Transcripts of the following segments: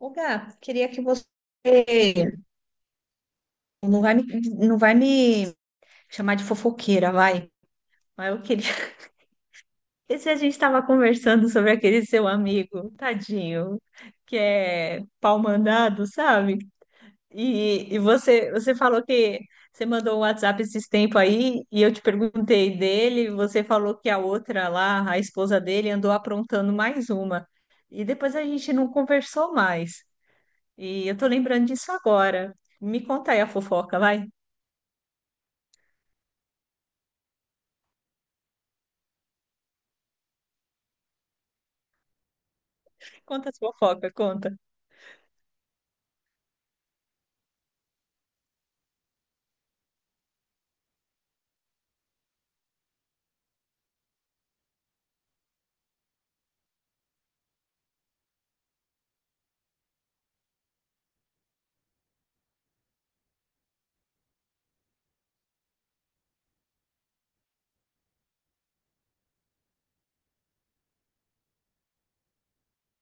Ô, Gá, queria que você não vai me, não vai me chamar de fofoqueira, vai. Mas eu queria. Esse a gente estava conversando sobre aquele seu amigo, tadinho, que é pau mandado, sabe? E você, você falou que você mandou um WhatsApp esses tempos aí e eu te perguntei dele. Você falou que a outra lá, a esposa dele, andou aprontando mais uma. E depois a gente não conversou mais. E eu tô lembrando disso agora. Me conta aí a fofoca, vai. Conta a fofoca, conta.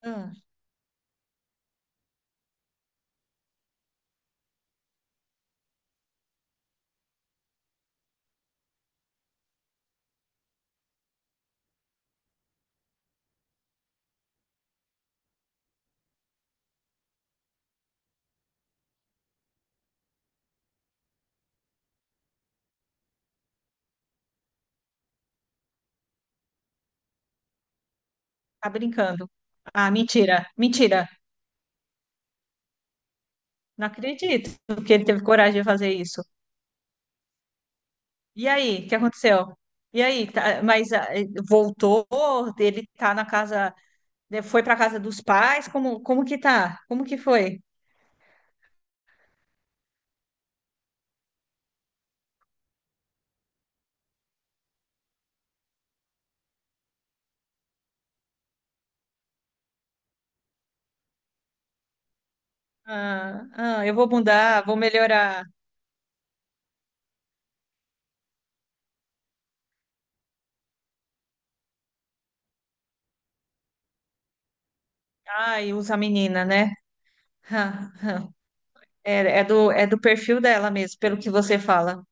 Hum, tá brincando. Ah, mentira, mentira. Não acredito que ele teve coragem de fazer isso. E aí, o que aconteceu? E aí, voltou? Ele tá na casa, né, foi pra casa dos pais? Como, como que tá? Como que foi? Ah, ah, eu vou mudar, vou melhorar. Ai, usa a menina, né? Ah, ah. É, é do perfil dela mesmo, pelo que você fala.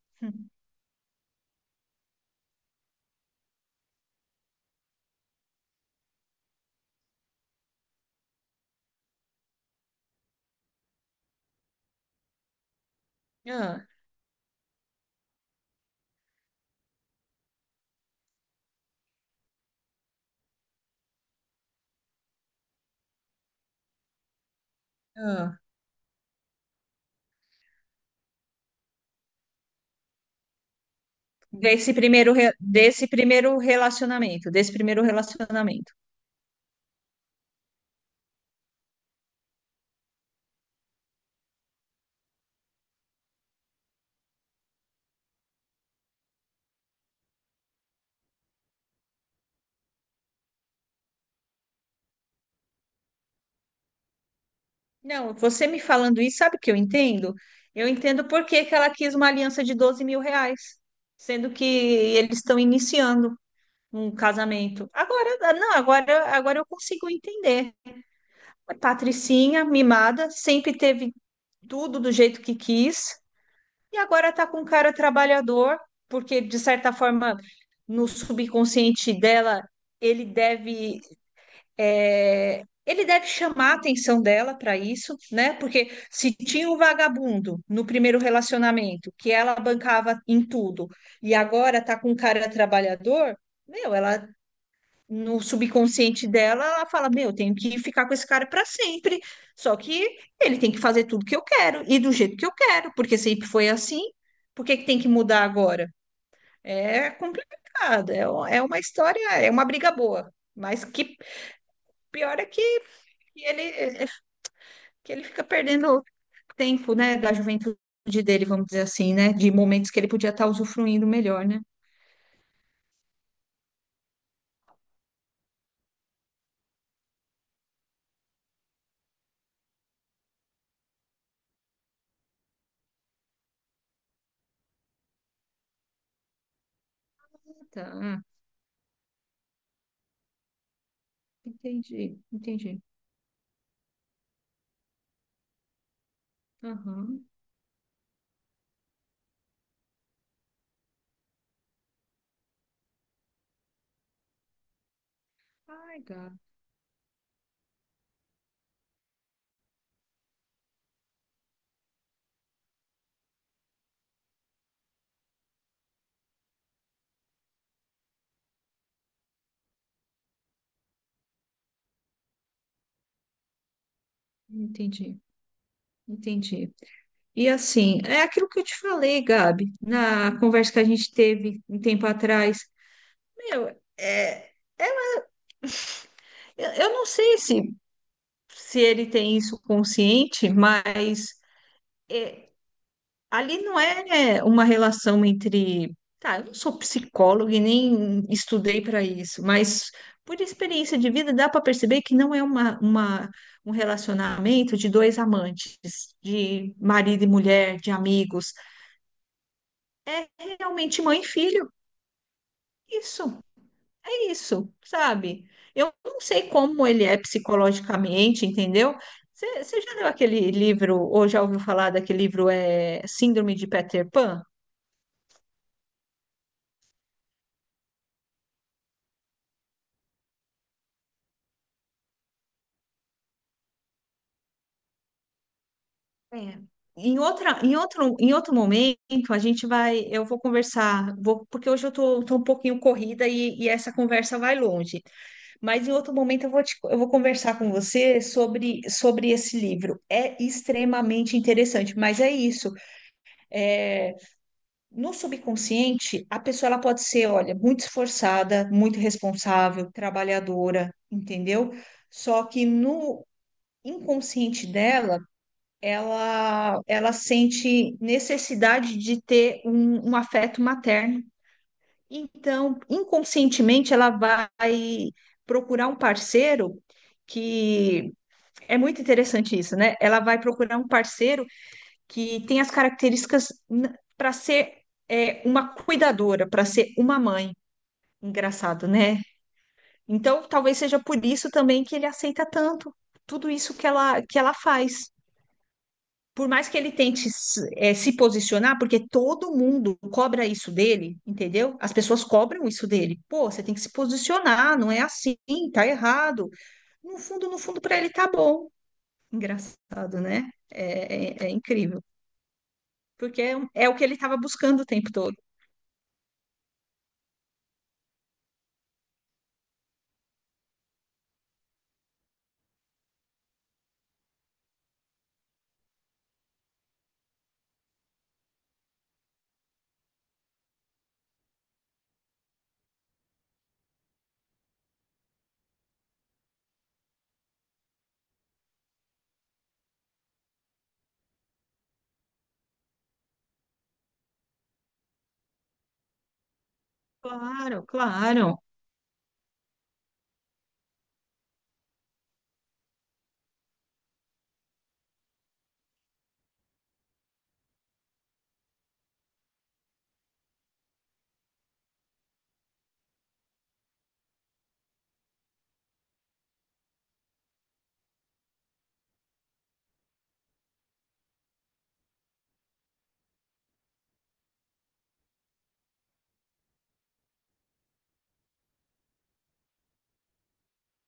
Ah, ah. Desse primeiro relacionamento, desse primeiro relacionamento. Não, você me falando isso, sabe o que eu entendo? Eu entendo por que que ela quis uma aliança de R$ 12.000, sendo que eles estão iniciando um casamento. Agora, não, agora, agora eu consigo entender. Patricinha, mimada, sempre teve tudo do jeito que quis e agora tá com um cara trabalhador, porque de certa forma no subconsciente dela ele deve ele deve chamar a atenção dela para isso, né? Porque se tinha um vagabundo no primeiro relacionamento que ela bancava em tudo e agora tá com um cara trabalhador, meu, ela no subconsciente dela, ela fala: Meu, eu tenho que ficar com esse cara para sempre. Só que ele tem que fazer tudo que eu quero e do jeito que eu quero, porque sempre foi assim. Por que que tem que mudar agora? É complicado, é uma história, é uma briga boa. Mas que pior é que ele, é, que ele fica perdendo tempo, né, da juventude dele, vamos dizer assim, né, de momentos que ele podia estar usufruindo melhor, né? Tá, entendi, entendi. Aham. Ai, gato, entendi. Entendi. E assim, é aquilo que eu te falei, Gabi, na conversa que a gente teve um tempo atrás. Meu, é, é, eu não sei se, se ele tem isso consciente, mas é, ali não é uma relação entre. Tá, eu não sou psicóloga e nem estudei para isso, mas por experiência de vida dá para perceber que não é um relacionamento de dois amantes, de marido e mulher, de amigos. É realmente mãe e filho. Isso, é isso, sabe? Eu não sei como ele é psicologicamente, entendeu? Você já leu aquele livro, ou já ouviu falar daquele livro, é Síndrome de Peter Pan? É. Em outro momento, a gente vai, eu vou conversar, vou, porque hoje eu tô, tô um pouquinho corrida e essa conversa vai longe. Mas em outro momento eu vou conversar com você sobre, sobre esse livro. É extremamente interessante, mas é isso. É, no subconsciente, a pessoa ela pode ser, olha, muito esforçada, muito responsável, trabalhadora, entendeu? Só que no inconsciente dela, ela sente necessidade de ter um afeto materno. Então, inconscientemente, ela vai procurar um parceiro que é muito interessante isso, né? Ela vai procurar um parceiro que tem as características para ser uma cuidadora, para ser uma mãe. Engraçado, né? Então, talvez seja por isso também que ele aceita tanto tudo isso que que ela faz. Por mais que ele tente se posicionar, porque todo mundo cobra isso dele, entendeu? As pessoas cobram isso dele. Pô, você tem que se posicionar, não é assim, tá errado. No fundo, no fundo, para ele tá bom. Engraçado, né? É incrível. Porque é o que ele estava buscando o tempo todo. Claro, claro.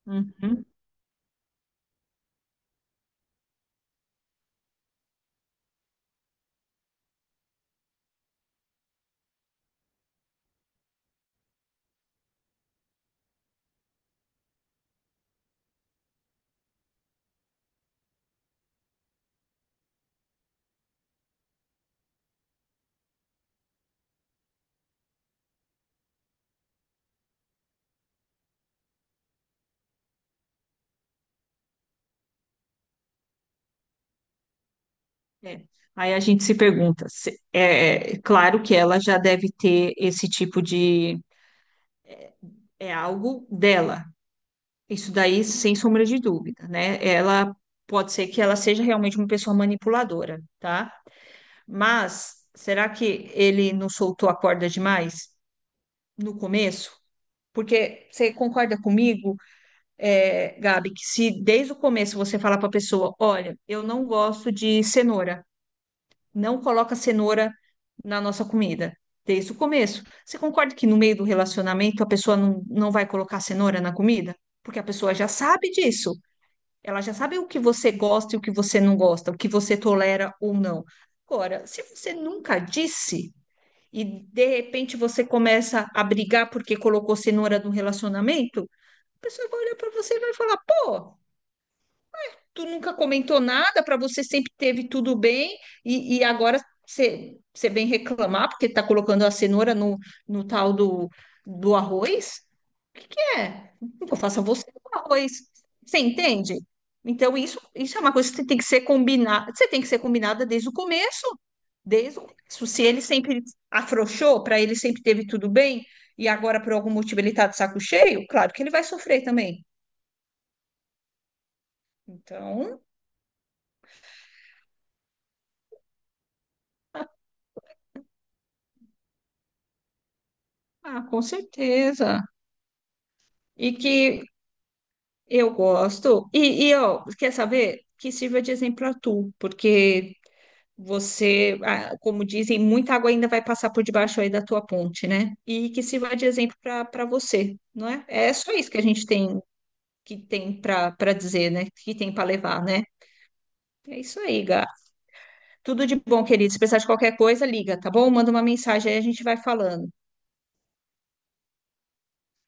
Uhum. É. Aí a gente se pergunta, é claro que ela já deve ter esse tipo de, é é algo dela. Isso daí, sem sombra de dúvida, né? Ela pode ser que ela seja realmente uma pessoa manipuladora, tá? Mas será que ele não soltou a corda demais no começo? Porque você concorda comigo, é, Gabi, que se desde o começo você falar para a pessoa, olha, eu não gosto de cenoura. Não coloca cenoura na nossa comida, desde o começo. Você concorda que no meio do relacionamento a pessoa não vai colocar cenoura na comida? Porque a pessoa já sabe disso. Ela já sabe o que você gosta e o que você não gosta, o que você tolera ou não. Agora, se você nunca disse e de repente você começa a brigar porque colocou cenoura no relacionamento, a pessoa vai olhar para você e vai falar: pô, tu nunca comentou nada, para você sempre teve tudo bem, e agora você você vem reclamar porque tá colocando a cenoura no tal do arroz? O que que é? Eu faço a você com arroz. Você entende? Então, isso é uma coisa que você tem que ser combinada. Você tem que ser combinada desde o começo. Desde o começo. Se ele sempre afrouxou, para ele sempre teve tudo bem, e agora, por algum motivo, ele está de saco cheio, claro que ele vai sofrer também. Então, ah, com certeza. E que eu gosto. E ó, quer saber? Que sirva de exemplo a tu, porque você, ah, como dizem, muita água ainda vai passar por debaixo aí da tua ponte, né? E que sirva de exemplo para para você, não é? É só isso que a gente tem que tem para para dizer, né? Que tem para levar, né? É isso aí, Gá. Tudo de bom, querido. Se precisar de qualquer coisa, liga, tá bom? Manda uma mensagem aí, a gente vai falando.